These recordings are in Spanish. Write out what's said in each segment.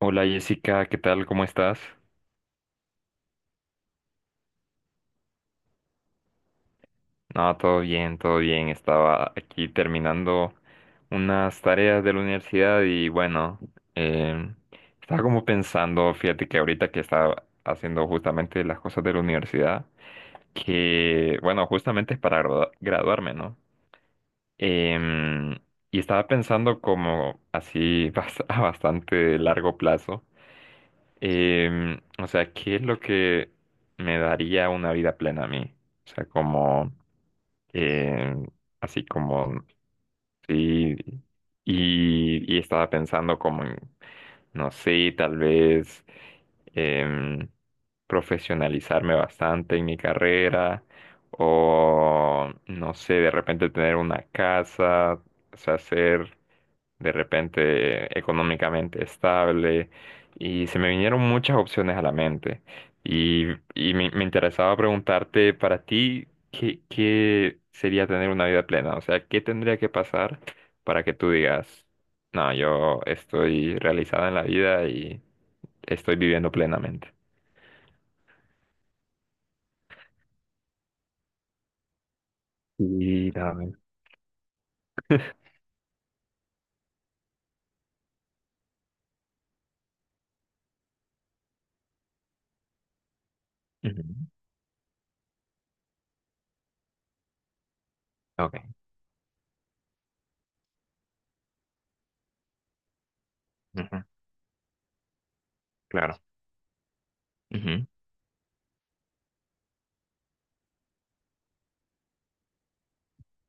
Hola, Jessica, ¿qué tal? ¿Cómo estás? No, todo bien, todo bien. Estaba aquí terminando unas tareas de la universidad y bueno, em, estaba como pensando, fíjate que ahorita que estaba haciendo justamente las cosas de la universidad, que bueno, justamente es para graduarme, ¿no? Em, y estaba pensando como así a bastante largo plazo. O sea, ¿qué es lo que me daría una vida plena a mí? O sea, como, em, así como, sí, y estaba pensando como en, no sé, tal vez em, profesionalizarme bastante en mi carrera o, no sé, de repente tener una casa, o sea, ser de repente económicamente estable y se me vinieron muchas opciones a la mente y, y me interesaba preguntarte para ti qué sería tener una vida plena, o sea, qué tendría que pasar para que tú digas, no, yo estoy realizada en la vida y estoy viviendo plenamente. Sí, también. Ujú. Ok, ujú, claro. Ujú,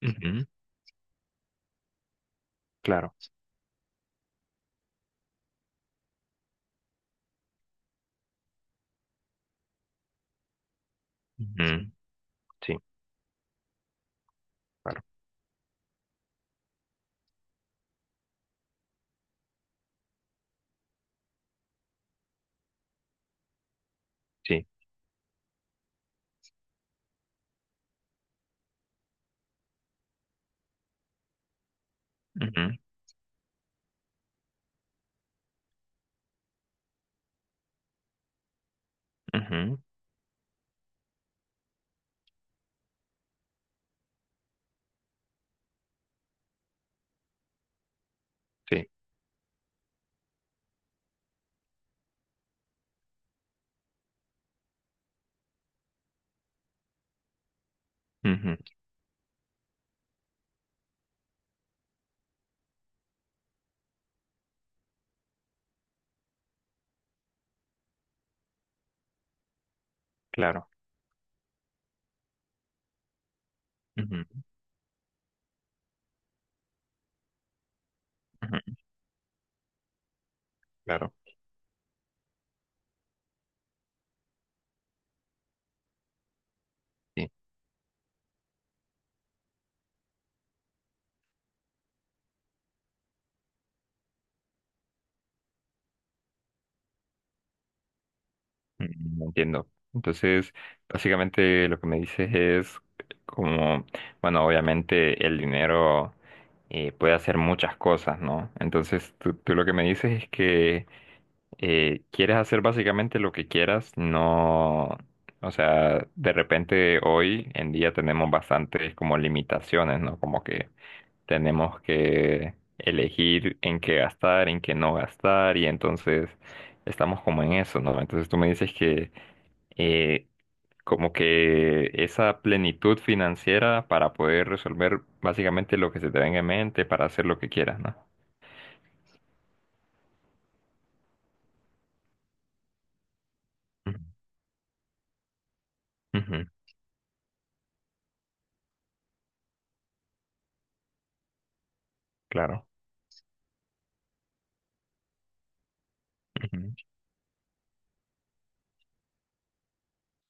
ujú, claro. Ujú, sí, claro. Sí, ujú, ujú, sí, ujú, claro, ujú, ujú, claro. Sí. Mm, entiendo. Entonces, básicamente lo que me dices es como, bueno, obviamente el dinero puede hacer muchas cosas, ¿no? Entonces, tú lo que me dices es que quieres hacer básicamente lo que quieras, no, o sea, de repente hoy en día tenemos bastantes como limitaciones, ¿no? Como que tenemos que elegir en qué gastar, en qué no gastar, y entonces estamos como en eso, ¿no? Entonces tú me dices que eh, como que esa plenitud financiera para poder resolver básicamente lo que se te venga en mente, para hacer lo que quieras, ¿no? Ujú, ujú, claro.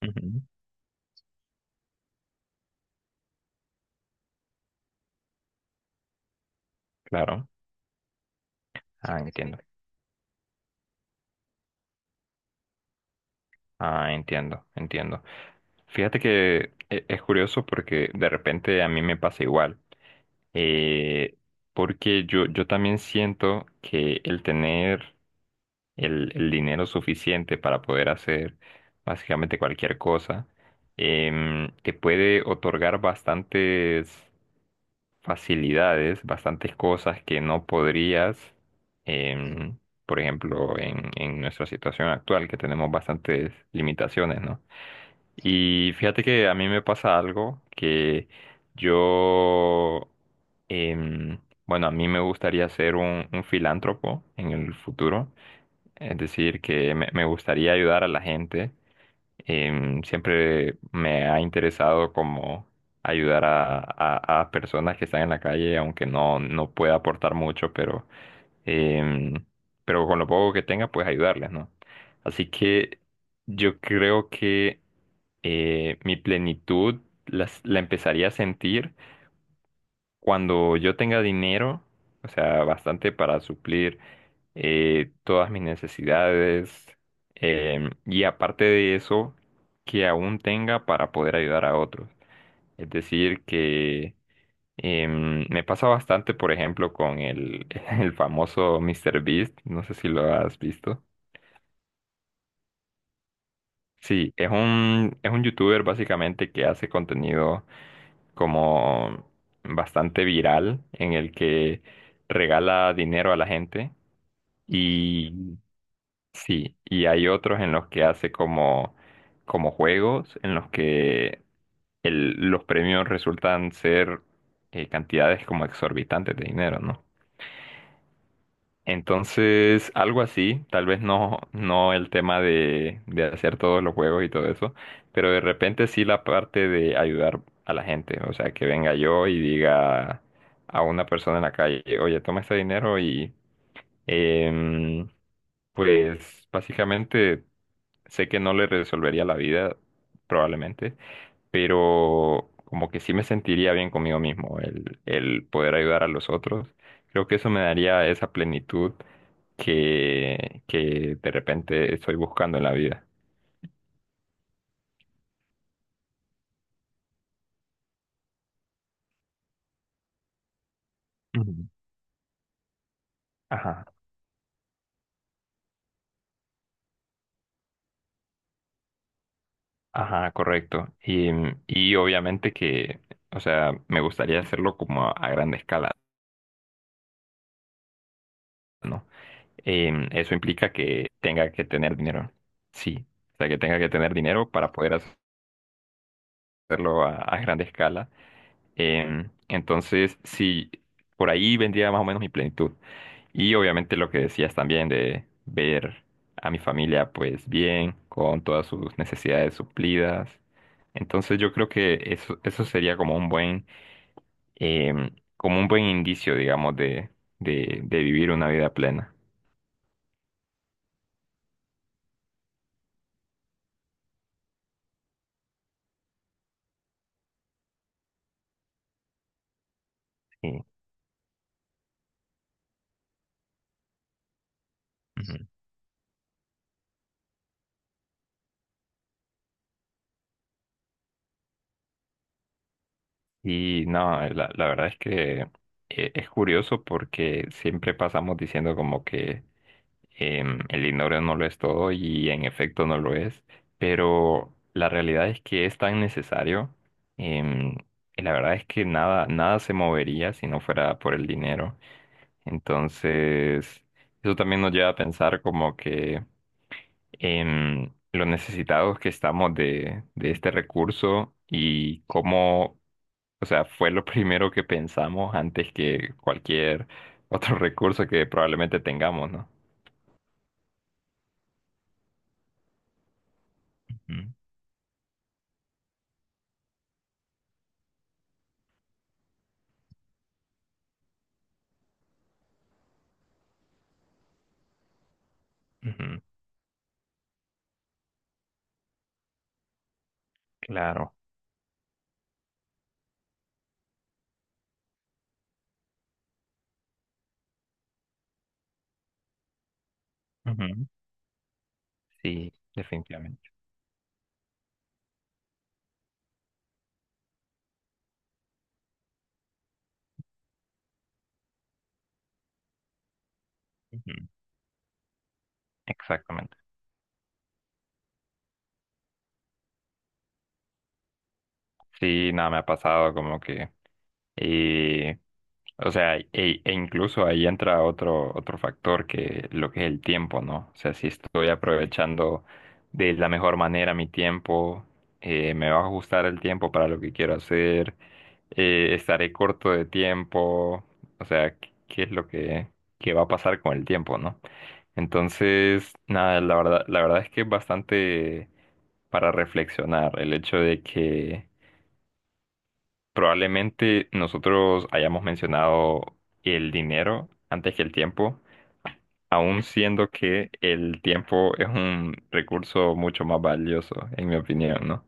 Ujú, ujú, claro. Ah, entiendo. Ah, entiendo, entiendo. Fíjate que es curioso porque de repente a mí me pasa igual. Eh, porque yo, yo también siento que el tener el dinero suficiente para poder hacer básicamente cualquier cosa, te puede otorgar bastantes facilidades, bastantes cosas que no podrías, em, por ejemplo, en nuestra situación actual, que tenemos bastantes limitaciones, ¿no? Y fíjate que a mí me pasa algo que yo, em, bueno, a mí me gustaría ser un filántropo en el futuro, es decir, que me gustaría ayudar a la gente. Em, siempre me ha interesado como ayudar a, a personas que están en la calle, aunque no, no pueda aportar mucho, pero, em, pero con lo poco que tenga, pues ayudarles, ¿no? Así que yo creo que mi plenitud la empezaría a sentir cuando yo tenga dinero, o sea, bastante para suplir todas mis necesidades, y aparte de eso, que aún tenga para poder ayudar a otros. Es decir, que me pasa bastante, por ejemplo, con el, el famoso míster Beast, no sé si lo has visto. Sí, es un youtuber básicamente que hace contenido como bastante viral en el que regala dinero a la gente. Y sí, y hay otros en los que hace como, como juegos, en los que los premios resultan ser cantidades como exorbitantes de dinero, ¿no? Entonces, algo así, tal vez no, no el tema de hacer todos los juegos y todo eso, pero de repente sí la parte de ayudar a la gente, o sea, que venga yo y diga a una persona en la calle, oye, toma este dinero y... em, pues básicamente sé que no le resolvería la vida, probablemente, pero como que sí me sentiría bien conmigo mismo el poder ayudar a los otros. Creo que eso me daría esa plenitud que de repente estoy buscando en la vida. Ujú. Ajá, ajá, correcto. Y obviamente que, o sea, me gustaría hacerlo como a gran escala, ¿no? Em, eso implica que tenga que tener dinero. Sí, o sea, que tenga que tener dinero para poder hacerlo a gran escala. Entonces, sí, por ahí vendría más o menos mi plenitud. Y obviamente lo que decías también de ver a mi familia pues bien, con todas sus necesidades suplidas. Entonces yo creo que eso sería como un buen, como un buen indicio, digamos, de, de vivir una vida plena. Sí. Ujú. Y no, la verdad es que es curioso porque siempre pasamos diciendo como que el dinero no lo es todo y en efecto no lo es, pero la realidad es que es tan necesario. Em, y la verdad es que nada, nada se movería si no fuera por el dinero. Entonces, eso también nos lleva a pensar como que en lo necesitados que estamos de este recurso y cómo, o sea, fue lo primero que pensamos antes que cualquier otro recurso que probablemente tengamos, ¿no? Ujú, ujú, claro. Ujú, sí, definitivamente. Ujú, exactamente. Sí, nada, me ha pasado como que, eh, o sea, e, e incluso ahí entra otro, otro factor que lo que es el tiempo, ¿no? O sea, si estoy aprovechando de la mejor manera mi tiempo, me va a ajustar el tiempo para lo que quiero hacer, estaré corto de tiempo, o sea, ¿ qué es lo que, qué va a pasar con el tiempo, ¿no? Entonces, nada, la verdad es que es bastante para reflexionar el hecho de que probablemente nosotros hayamos mencionado el dinero antes que el tiempo, aun siendo que el tiempo es un recurso mucho más valioso, en mi opinión, ¿no?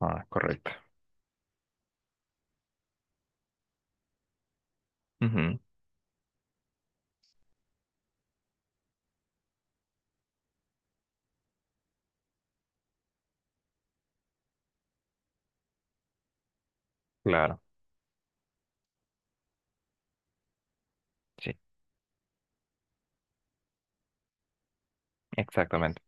Ah, correcto. Ujú, claro, sí, exactamente.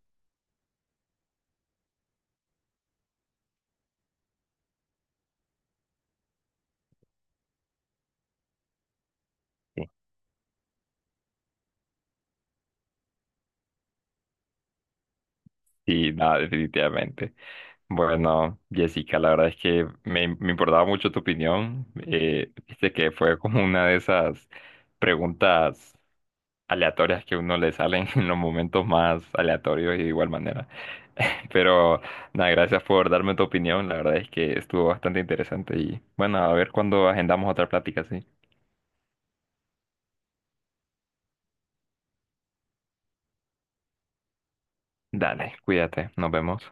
Sí. Sí, nada, definitivamente. Bueno, Jessica, la verdad es que me importaba mucho tu opinión. Viste que fue como una de esas preguntas aleatorias que a uno le salen en los momentos más aleatorios y de igual manera. Pero nada, gracias por darme tu opinión. La verdad es que estuvo bastante interesante y bueno, a ver cuándo agendamos otra plática, sí. Dale, cuídate, nos vemos.